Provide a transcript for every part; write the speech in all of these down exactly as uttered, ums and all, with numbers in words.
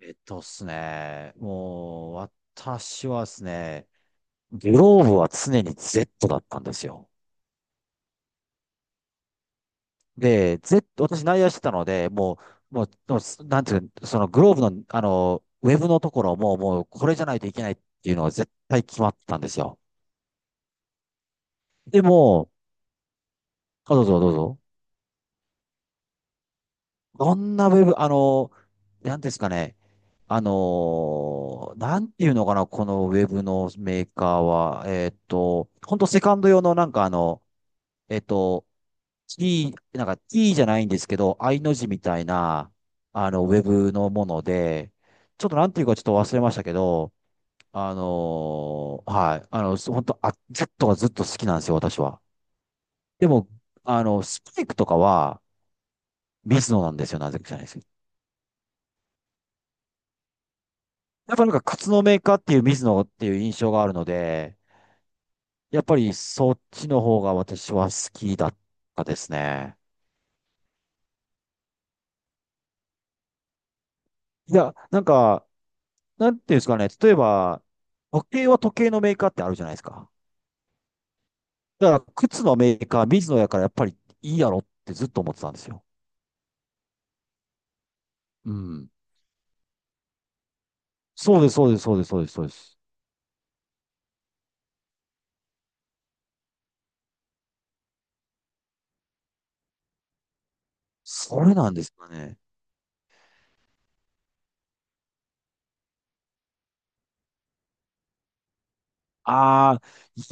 えっとっすね、もう、私はですね、グローブは常に Z だったんですよ。で、Z、私内野してたので、もう、もう、もうなんていうの、そのグローブの、あの、ウェブのところも、もう、これじゃないといけないっていうのは絶対決まってたんですよ。でも、あ、どうぞどうぞ。どんなウェブ、あの、なんですかね、あの、なんていうのかな、このウェブのメーカーは、えっと、本当セカンド用のなんかあの、えっと、T、なんか T じゃないんですけど、I の字みたいな、あの、ウェブのもので、ちょっとなんていうかちょっと忘れましたけど、あのーはい、あの、本当、あ、ずっとがずっと好きなんですよ、私は。でも、あの、スパイクとかは、ミズノなんですよ、なぜか知らないですけど。やっぱなんか、カツのメーカーっていうミズノっていう印象があるので、やっぱりそっちの方が私は好きだったですね。いや、なんか、なんていうんですかね、例えば、時計は時計のメーカーってあるじゃないですか。だから、靴のメーカー、水野やからやっぱりいいやろってずっと思ってたんですよ。うん。そうです、そうです、そうです、そうです、そうです。それなんですかね。ああ、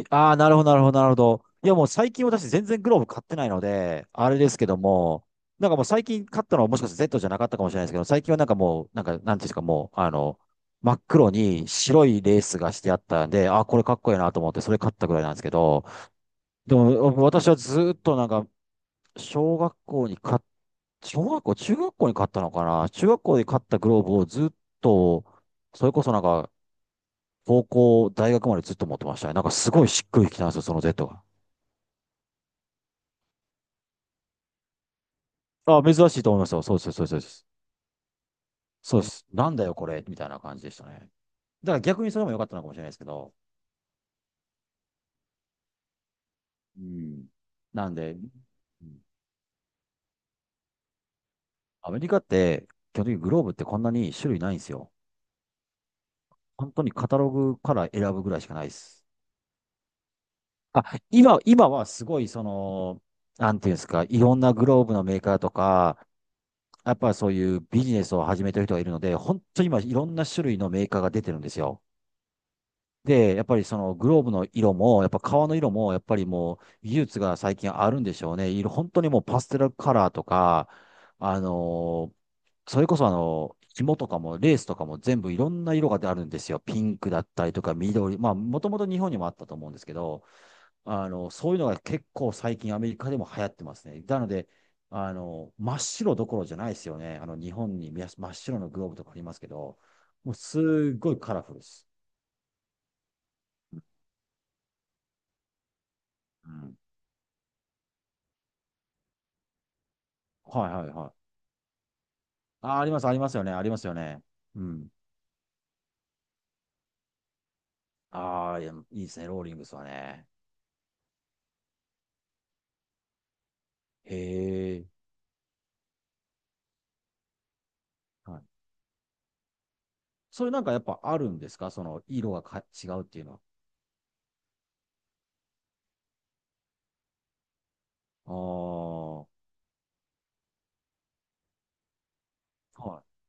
いああ、なるほど、なるほど、なるほど。いや、もう最近私全然グローブ買ってないので、あれですけども、なんかもう最近買ったのはもしかして Z じゃなかったかもしれないですけど、最近はなんかもう、なんか、なんていうんですか、もう、あの、真っ黒に白いレースがしてあったんで、あーこれかっこいいなと思って、それ買ったぐらいなんですけど、でも、私はずっとなんか、小学校に買っ、小学校、中学校に買ったのかな中学校で買ったグローブをずっと、それこそなんか、高校、大学までずっと持ってましたね。なんかすごいしっくりきたんですよ、その Z が。あ、珍しいと思いますよ。そうです、そうです、そうです。そうです。なんだよ、これ、みたいな感じでしたね。だから逆にそれも良かったのかもしれないですけど。うん。なんで、うん。アメリカって、基本的にグローブってこんなに種類ないんですよ。本当にカタログから選ぶぐらいしかないです。あ、今、今はすごい、その、なんていうんですか、いろんなグローブのメーカーとか、やっぱそういうビジネスを始めてる人がいるので、本当に今、いろんな種類のメーカーが出てるんですよ。で、やっぱりそのグローブの色も、やっぱ革の色も、やっぱりもう、技術が最近あるんでしょうね。色、本当にもうパステルカラーとか、あのーそれこそあの、紐とかもレースとかも全部いろんな色があるんですよ。ピンクだったりとか緑。まあ、もともと日本にもあったと思うんですけど、あの、そういうのが結構最近アメリカでも流行ってますね。なので、あの、真っ白どころじゃないですよね。あの、日本にみや真っ白のグローブとかありますけど、もうすっごいカラフルです。うん。はいはいはい。あ、あります、ありますよね、ありますよね。うん。ああ、いや、いいですね、ローリングスはね。へえ。はい。それなんかやっぱあるんですか、その、色がか違うっていうのは。ああ。はい。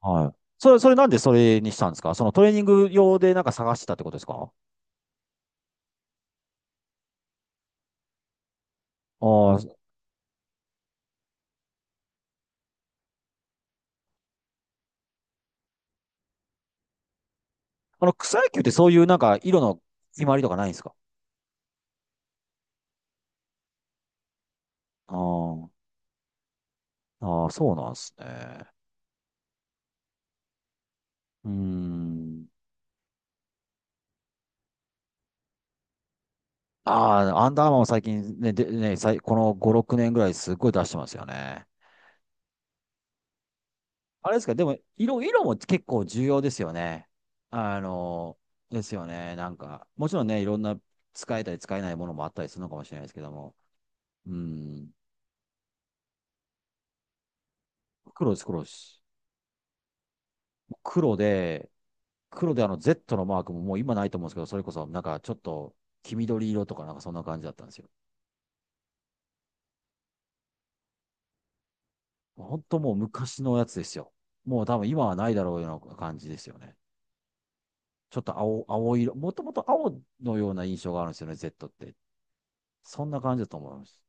はい。それ、それなんでそれにしたんですか？そのトレーニング用でなんか探してたってことですか？ああー、あの、草野球ってそういうなんか色の決まりとかないんですか？あーあー、そうなんですね。うーん。ああ、アンダーマンも最近ね、で、ね、さいこのご、ろくねんぐらいすっごい出してますよね。あれですか、でも、色、色も結構重要ですよね。あの、ですよね。なんか、もちろんね、いろんな使えたり使えないものもあったりするのかもしれないですけども。うん。黒です、黒です。黒で、黒であの Z のマークももう今ないと思うんですけど、それこそなんかちょっと黄緑色とかなんかそんな感じだったんですよ。本当もう昔のやつですよ。もう多分今はないだろうような感じですよね。ちょっと青、青色、もともと青のような印象があるんですよね、Z って。そんな感じだと思います。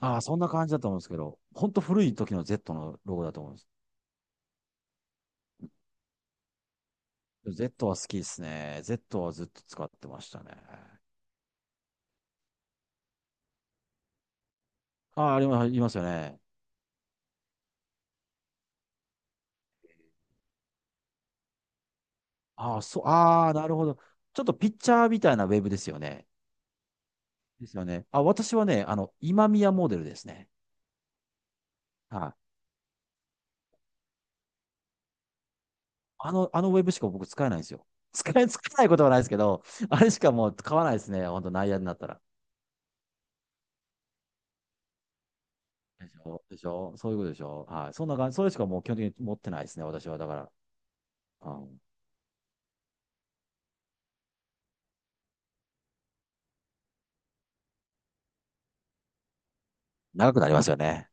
ああ、そんな感じだと思うんですけど、本当古い時の Z のロゴだと思うんです。Z は好きですね。Z はずっと使ってましたね。ああ、ありますありますよね。ああ、そう、ああ、なるほど。ちょっとピッチャーみたいなウェブですよね。ですよね。あ、私はね、あの、今宮モデルですね。はい。あの、あのウェブしか僕使えないんですよ。使え、使えないことはないですけど、あれしかもう買わないですね。本当内野になったら。でしょでしょそういうことでしょはい。そんな感じ。それしかもう基本的に持ってないですね。私は。だから、うん。長くなりますよね。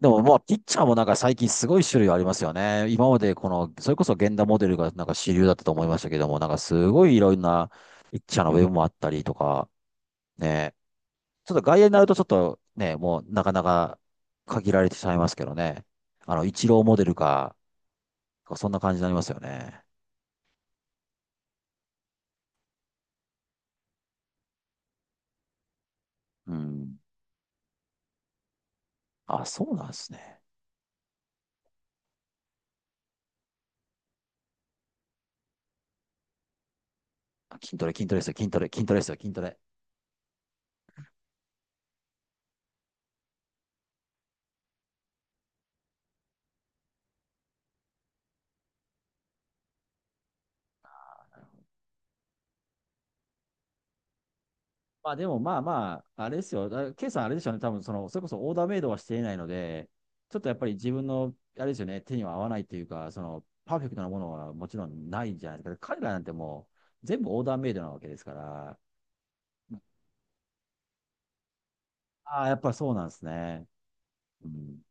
でももう、ピッチャーもなんか最近すごい種類ありますよね。今までこの、それこそ源田モデルがなんか主流だったと思いましたけども、なんかすごいいろんなピッチャーのウェブもあったりとか、ね。ちょっと外野になるとちょっとね、もうなかなか限られてしまいますけどね。あの、イチローモデルか、そんな感じになりますよね。うん。あ、そうなんですね。あ筋トレ、筋トレですよ、筋トレ、筋トレですよ、筋トレ。まあでもまあまあ、あれですよ。だ K さんあれでしょうね。多分その、それこそオーダーメイドはしていないので、ちょっとやっぱり自分の、あれですよね、手には合わないというか、その、パーフェクトなものはもちろんないじゃないですか。彼らなんてもう、全部オーダーメイドなわけですから、ああ、やっぱりそうなんですね。うん。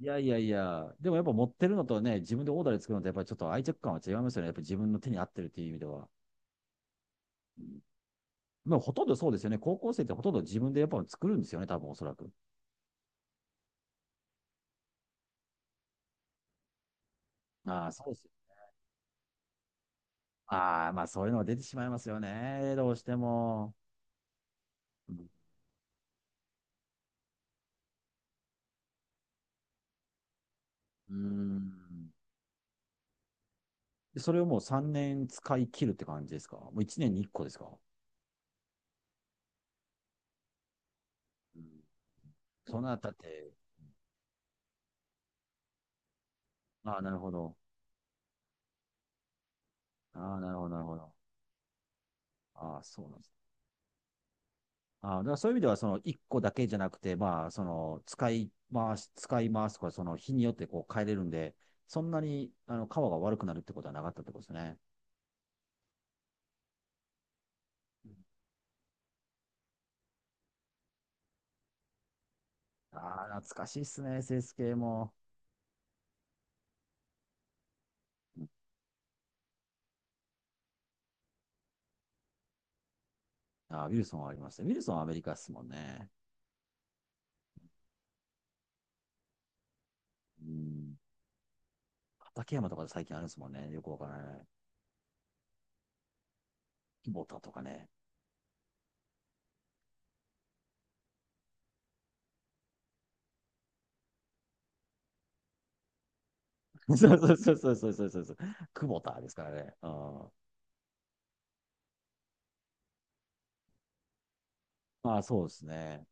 いやいやいや、でもやっぱ持ってるのとね、自分でオーダーで作るのとやっぱりちょっと愛着感は違いますよね。やっぱり自分の手に合ってるっていう意味では。うん。まあほとんどそうですよね。高校生ってほとんど自分でやっぱ作るんですよね、多分おそらく。ああ、そうですよ。ああ、まあそういうのが出てしまいますよね。どうしても。うん。うん。でそれをもうさんねん使い切るって感じですか？もういちねんにいっこですか？うん。そのあたって、ああ、なるほど。ああ、なるほど、なるほど。ああ、そうなんです。あーだからそういう意味では、その一個だけじゃなくて、まあ、その使い回し、使い回すとか、その日によってこう変えれるんで、そんなにあの皮が悪くなるってことはなかったってことですね。ああ、懐かしいっすね、セ s 系も。あーウィルソンはありましたね。ウィルソンはアメリカっすもんね。うん。畠山とか最近あるんですもんね。よくわからない。久保田とかね。そうそうそうそうそうそうそうそう。久保田ですからね。うん。まあそうですね。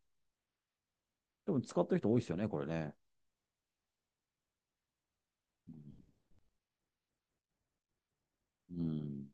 でも使ってる人多いですよね、これね。うん。うん